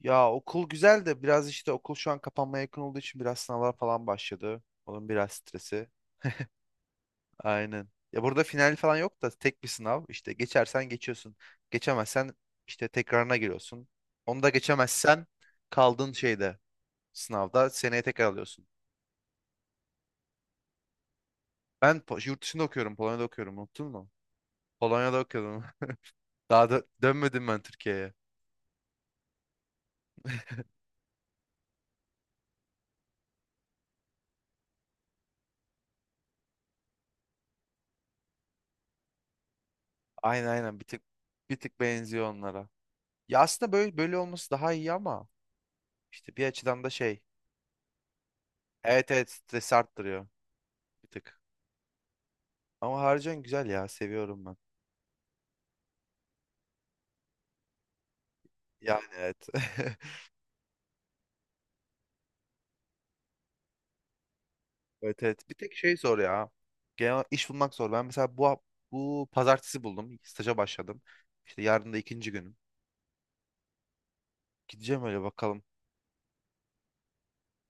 Ya okul güzel de biraz işte okul şu an kapanmaya yakın olduğu için biraz sınavlar falan başladı. Onun biraz stresi. Aynen. Ya burada final falan yok da tek bir sınav. İşte geçersen geçiyorsun. Geçemezsen işte tekrarına giriyorsun. Onu da geçemezsen kaldığın şeyde sınavda seneye tekrar alıyorsun. Ben yurt dışında okuyorum. Polonya'da okuyorum. Unuttun mu? Polonya'da okuyordum. Daha da dönmedim ben Türkiye'ye. Aynen aynen bir tık benziyor onlara. Ya aslında böyle böyle olması daha iyi ama işte bir açıdan da şey. Evet evet stres arttırıyor bir tık. Ama harcan güzel ya seviyorum ben. Yani evet. Evet evet bir tek şey zor ya. Genel iş bulmak zor. Ben mesela bu pazartesi buldum. Staja başladım. İşte yarın da ikinci günüm. Gideceğim öyle bakalım.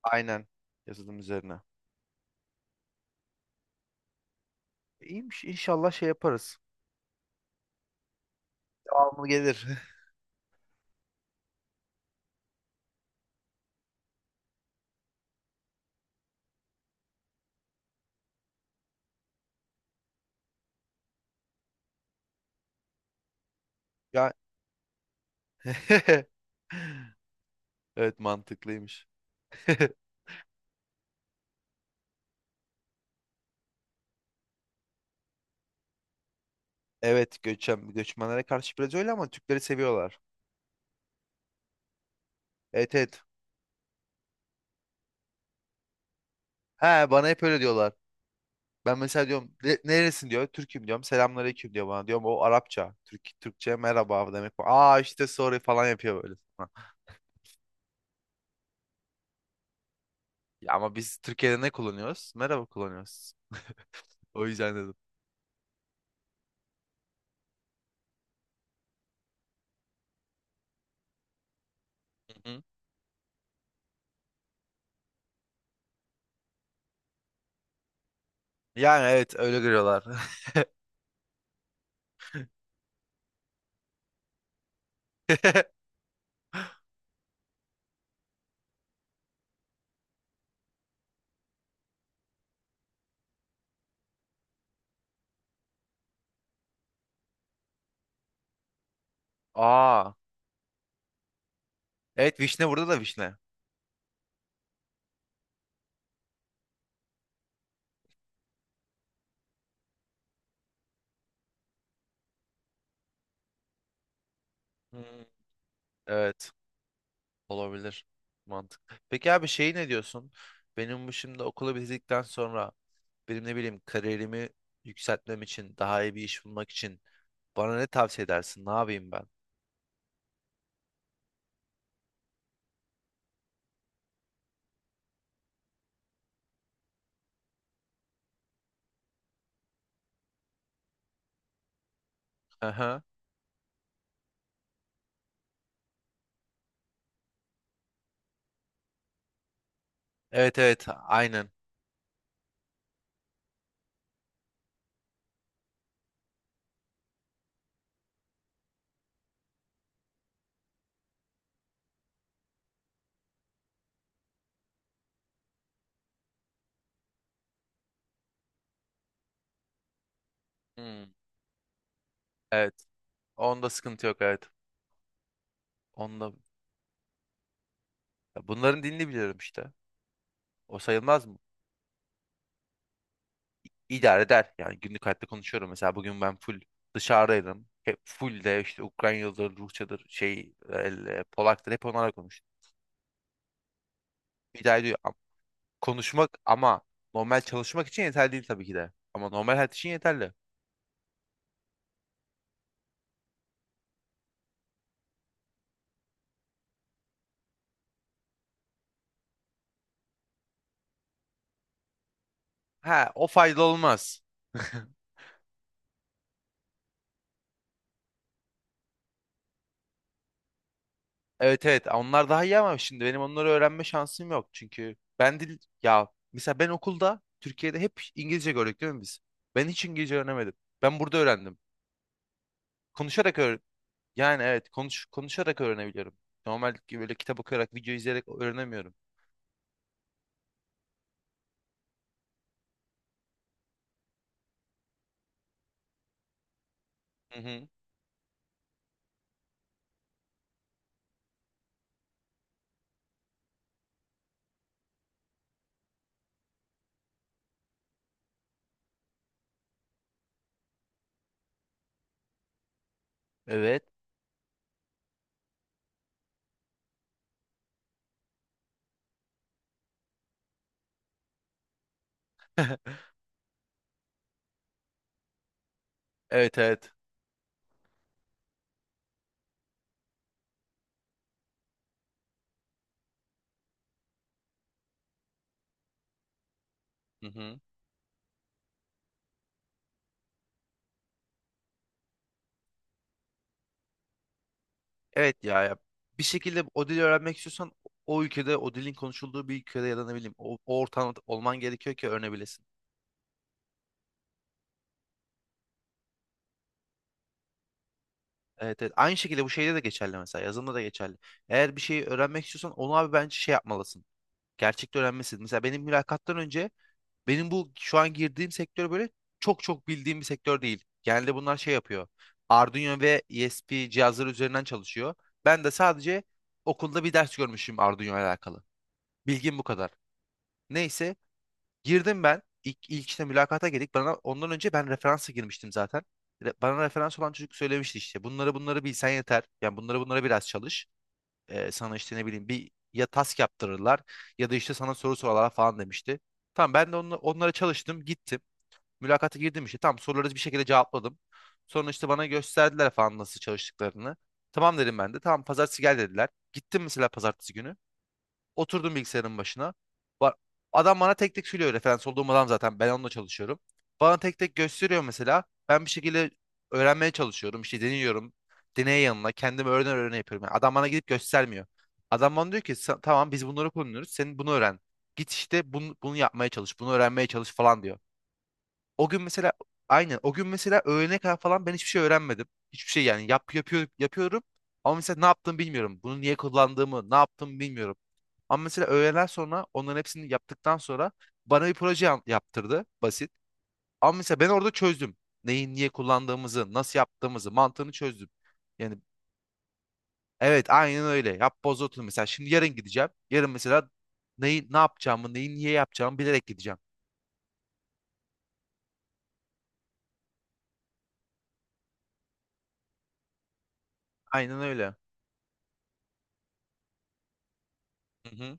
Aynen yazılım üzerine. İyiymiş inşallah şey yaparız. Devamlı gelir. Ya evet mantıklıymış. Evet göçmenlere karşı biraz öyle ama Türkleri seviyorlar. Evet evet. He bana hep öyle diyorlar. Ben mesela diyorum neresin diyor. Türk'üm diyorum. Selamünaleyküm diyor bana. Diyorum o Arapça. Türk, Türkçe merhaba demek bu. Aa işte sorry falan yapıyor böyle. Ya ama biz Türkiye'de ne kullanıyoruz? Merhaba kullanıyoruz. O yüzden dedim. Hı hı. Yani evet öyle görüyorlar. Aa. Evet vişne burada da vişne. Hmm, evet. Olabilir. Mantık. Peki abi şey ne diyorsun? Benim bu şimdi okulu bitirdikten sonra benim ne bileyim kariyerimi yükseltmem için daha iyi bir iş bulmak için bana ne tavsiye edersin? Ne yapayım ben? Aha. Evet evet aynen. Hmm, evet. Onda sıkıntı yok evet. Onda. Ya bunların dilini biliyorum işte. O sayılmaz mı? İdare eder. Yani günlük hayatta konuşuyorum. Mesela bugün ben full dışarıdaydım. Hep full de işte Ukraynalıdır, Rusçadır, şey, Polak'tır. Hep onlarla konuştum. İdare ediyor. Konuşmak ama normal çalışmak için yeterli değil tabii ki de. Ama normal hayat için yeterli. Ha, o faydalı olmaz. Evet evet onlar daha iyi ama şimdi benim onları öğrenme şansım yok. Çünkü ben dil ya mesela ben okulda Türkiye'de hep İngilizce gördük değil mi biz? Ben hiç İngilizce öğrenemedim. Ben burada öğrendim. Konuşarak öğren. Yani evet konuşarak öğrenebiliyorum. Normal ki böyle kitap okuyarak video izleyerek öğrenemiyorum. Hı hı. Evet. Evet evet. Hı hı. Evet ya, ya bir şekilde o dili öğrenmek istiyorsan o ülkede o dilin konuşulduğu bir ülkede ya da ne bileyim o ortamda olman gerekiyor ki öğrenebilesin. Evet, evet. Aynı şekilde bu şeyde de geçerli mesela. Yazılımda da geçerli. Eğer bir şeyi öğrenmek istiyorsan onu abi bence şey yapmalısın. Gerçekte öğrenmelisin. Mesela benim mülakattan önce benim bu şu an girdiğim sektör böyle çok çok bildiğim bir sektör değil. Genelde bunlar şey yapıyor. Arduino ve ESP cihazları üzerinden çalışıyor. Ben de sadece okulda bir ders görmüşüm Arduino ile alakalı. Bilgim bu kadar. Neyse. Girdim ben. İlk işte mülakata girdik. Bana ondan önce ben referansa girmiştim zaten. Bana referans olan çocuk söylemişti işte. Bunları bunları bilsen yeter. Yani bunları bunları biraz çalış. Sana işte ne bileyim bir ya task yaptırırlar ya da işte sana soru sorarlar falan demişti. Tamam ben de onlara çalıştım gittim. Mülakata girdim işte. Tamam soruları bir şekilde cevapladım. Sonra işte bana gösterdiler falan nasıl çalıştıklarını. Tamam dedim ben de. Tamam pazartesi gel dediler. Gittim mesela pazartesi günü. Oturdum bilgisayarın başına. Ba- Adam bana tek tek söylüyor referans olduğum adam zaten ben onunla çalışıyorum. Bana tek tek gösteriyor mesela. Ben bir şekilde öğrenmeye çalışıyorum. İşte deniyorum. Deney yanına kendimi öğrene öğrene yapıyorum. Yani adam bana gidip göstermiyor. Adam bana diyor ki tamam biz bunları kullanıyoruz. Senin bunu öğren. Git işte bunu yapmaya çalış. Bunu öğrenmeye çalış falan diyor. O gün mesela aynen o gün mesela öğlene kadar falan ben hiçbir şey öğrenmedim. Hiçbir şey yani yapıyorum ama mesela ne yaptığımı bilmiyorum. Bunu niye kullandığımı ne yaptığımı bilmiyorum. Ama mesela öğleden sonra onların hepsini yaptıktan sonra bana bir proje yaptırdı basit. Ama mesela ben orada çözdüm. Neyi niye kullandığımızı, nasıl yaptığımızı, mantığını çözdüm. Yani evet aynen öyle. Yap boz otur mesela. Şimdi yarın gideceğim. Yarın mesela neyi ne yapacağımı, neyi niye yapacağımı bilerek gideceğim. Aynen öyle. Hı hı.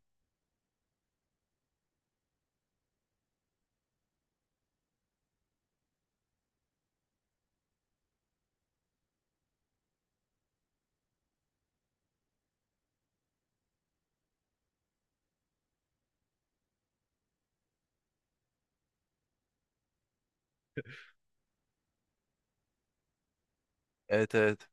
Evet evet.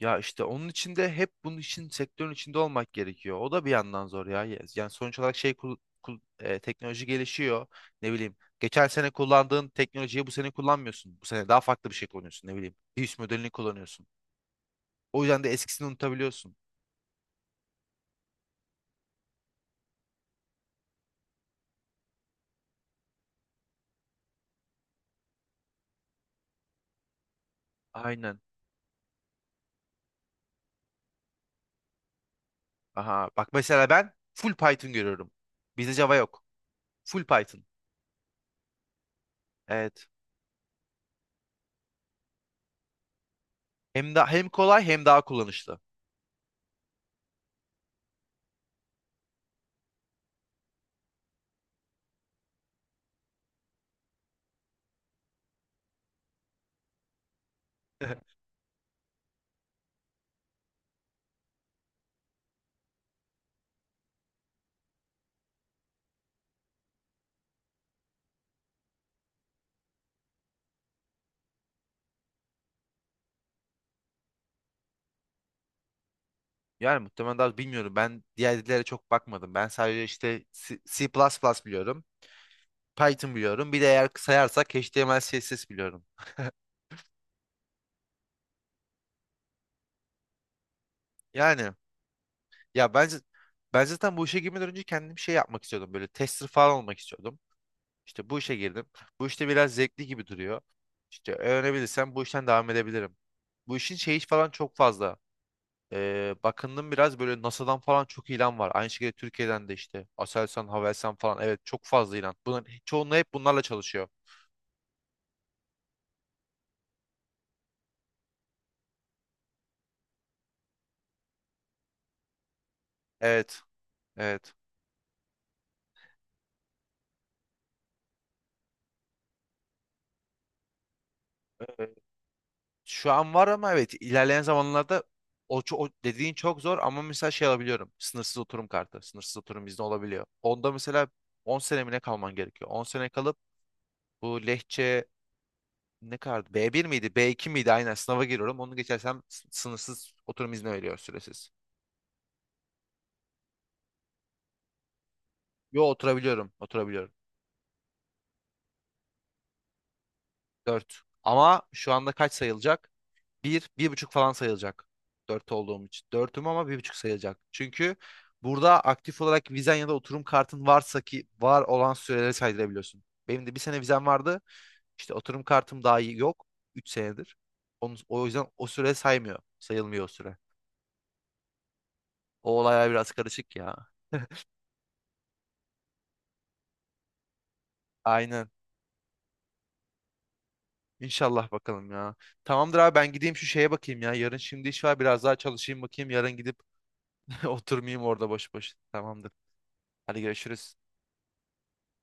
Ya işte onun için de hep bunun için sektörün içinde olmak gerekiyor. O da bir yandan zor ya. Yani sonuç olarak şey teknoloji gelişiyor. Ne bileyim. Geçen sene kullandığın teknolojiyi bu sene kullanmıyorsun. Bu sene daha farklı bir şey kullanıyorsun. Ne bileyim. Bir üst modelini kullanıyorsun. O yüzden de eskisini unutabiliyorsun. Aynen. Aha. Bak mesela ben full Python görüyorum. Bizde Java yok. Full Python. Evet. Hem da hem kolay hem daha kullanışlı. Yani muhtemelen daha bilmiyorum. Ben diğer dillere çok bakmadım. Ben sadece işte C, C++ biliyorum. Python biliyorum. Bir de eğer sayarsak HTML, CSS biliyorum. Yani. Ya bence ben zaten bu işe girmeden önce kendim şey yapmak istiyordum. Böyle tester falan olmak istiyordum. İşte bu işe girdim. Bu işte biraz zevkli gibi duruyor. İşte öğrenebilirsem bu işten devam edebilirim. Bu işin şeyi falan çok fazla. Bakındım biraz böyle NASA'dan falan çok ilan var. Aynı şekilde Türkiye'den de işte Aselsan, Havelsan falan. Evet çok fazla ilan. Bunların çoğunluğu hep bunlarla çalışıyor. Evet. Evet. Şu an var ama evet ilerleyen zamanlarda o dediğin çok zor ama mesela şey alabiliyorum. Sınırsız oturum kartı. Sınırsız oturum izni olabiliyor. Onda mesela 10 sene mi ne kalman gerekiyor? 10 sene kalıp bu Lehçe ne kadardı? B1 miydi? B2 miydi? Aynen sınava giriyorum. Onu geçersem sınırsız oturum izni veriyor süresiz. Yo oturabiliyorum. Oturabiliyorum. 4. Ama şu anda kaç sayılacak? Bir, bir buçuk falan sayılacak. Dört olduğum için. Dörtüm ama bir buçuk sayılacak. Çünkü burada aktif olarak vizen ya da oturum kartın varsa ki var olan süreleri saydırabiliyorsun. Benim de bir sene vizem vardı. İşte oturum kartım daha iyi yok. 3 senedir. Onun, o yüzden o süre saymıyor. Sayılmıyor o süre. O olaylar biraz karışık ya. Aynen. İnşallah bakalım ya. Tamamdır abi ben gideyim şu şeye bakayım ya. Yarın şimdi iş var biraz daha çalışayım bakayım. Yarın gidip oturmayayım orada boş boş. Tamamdır. Hadi görüşürüz.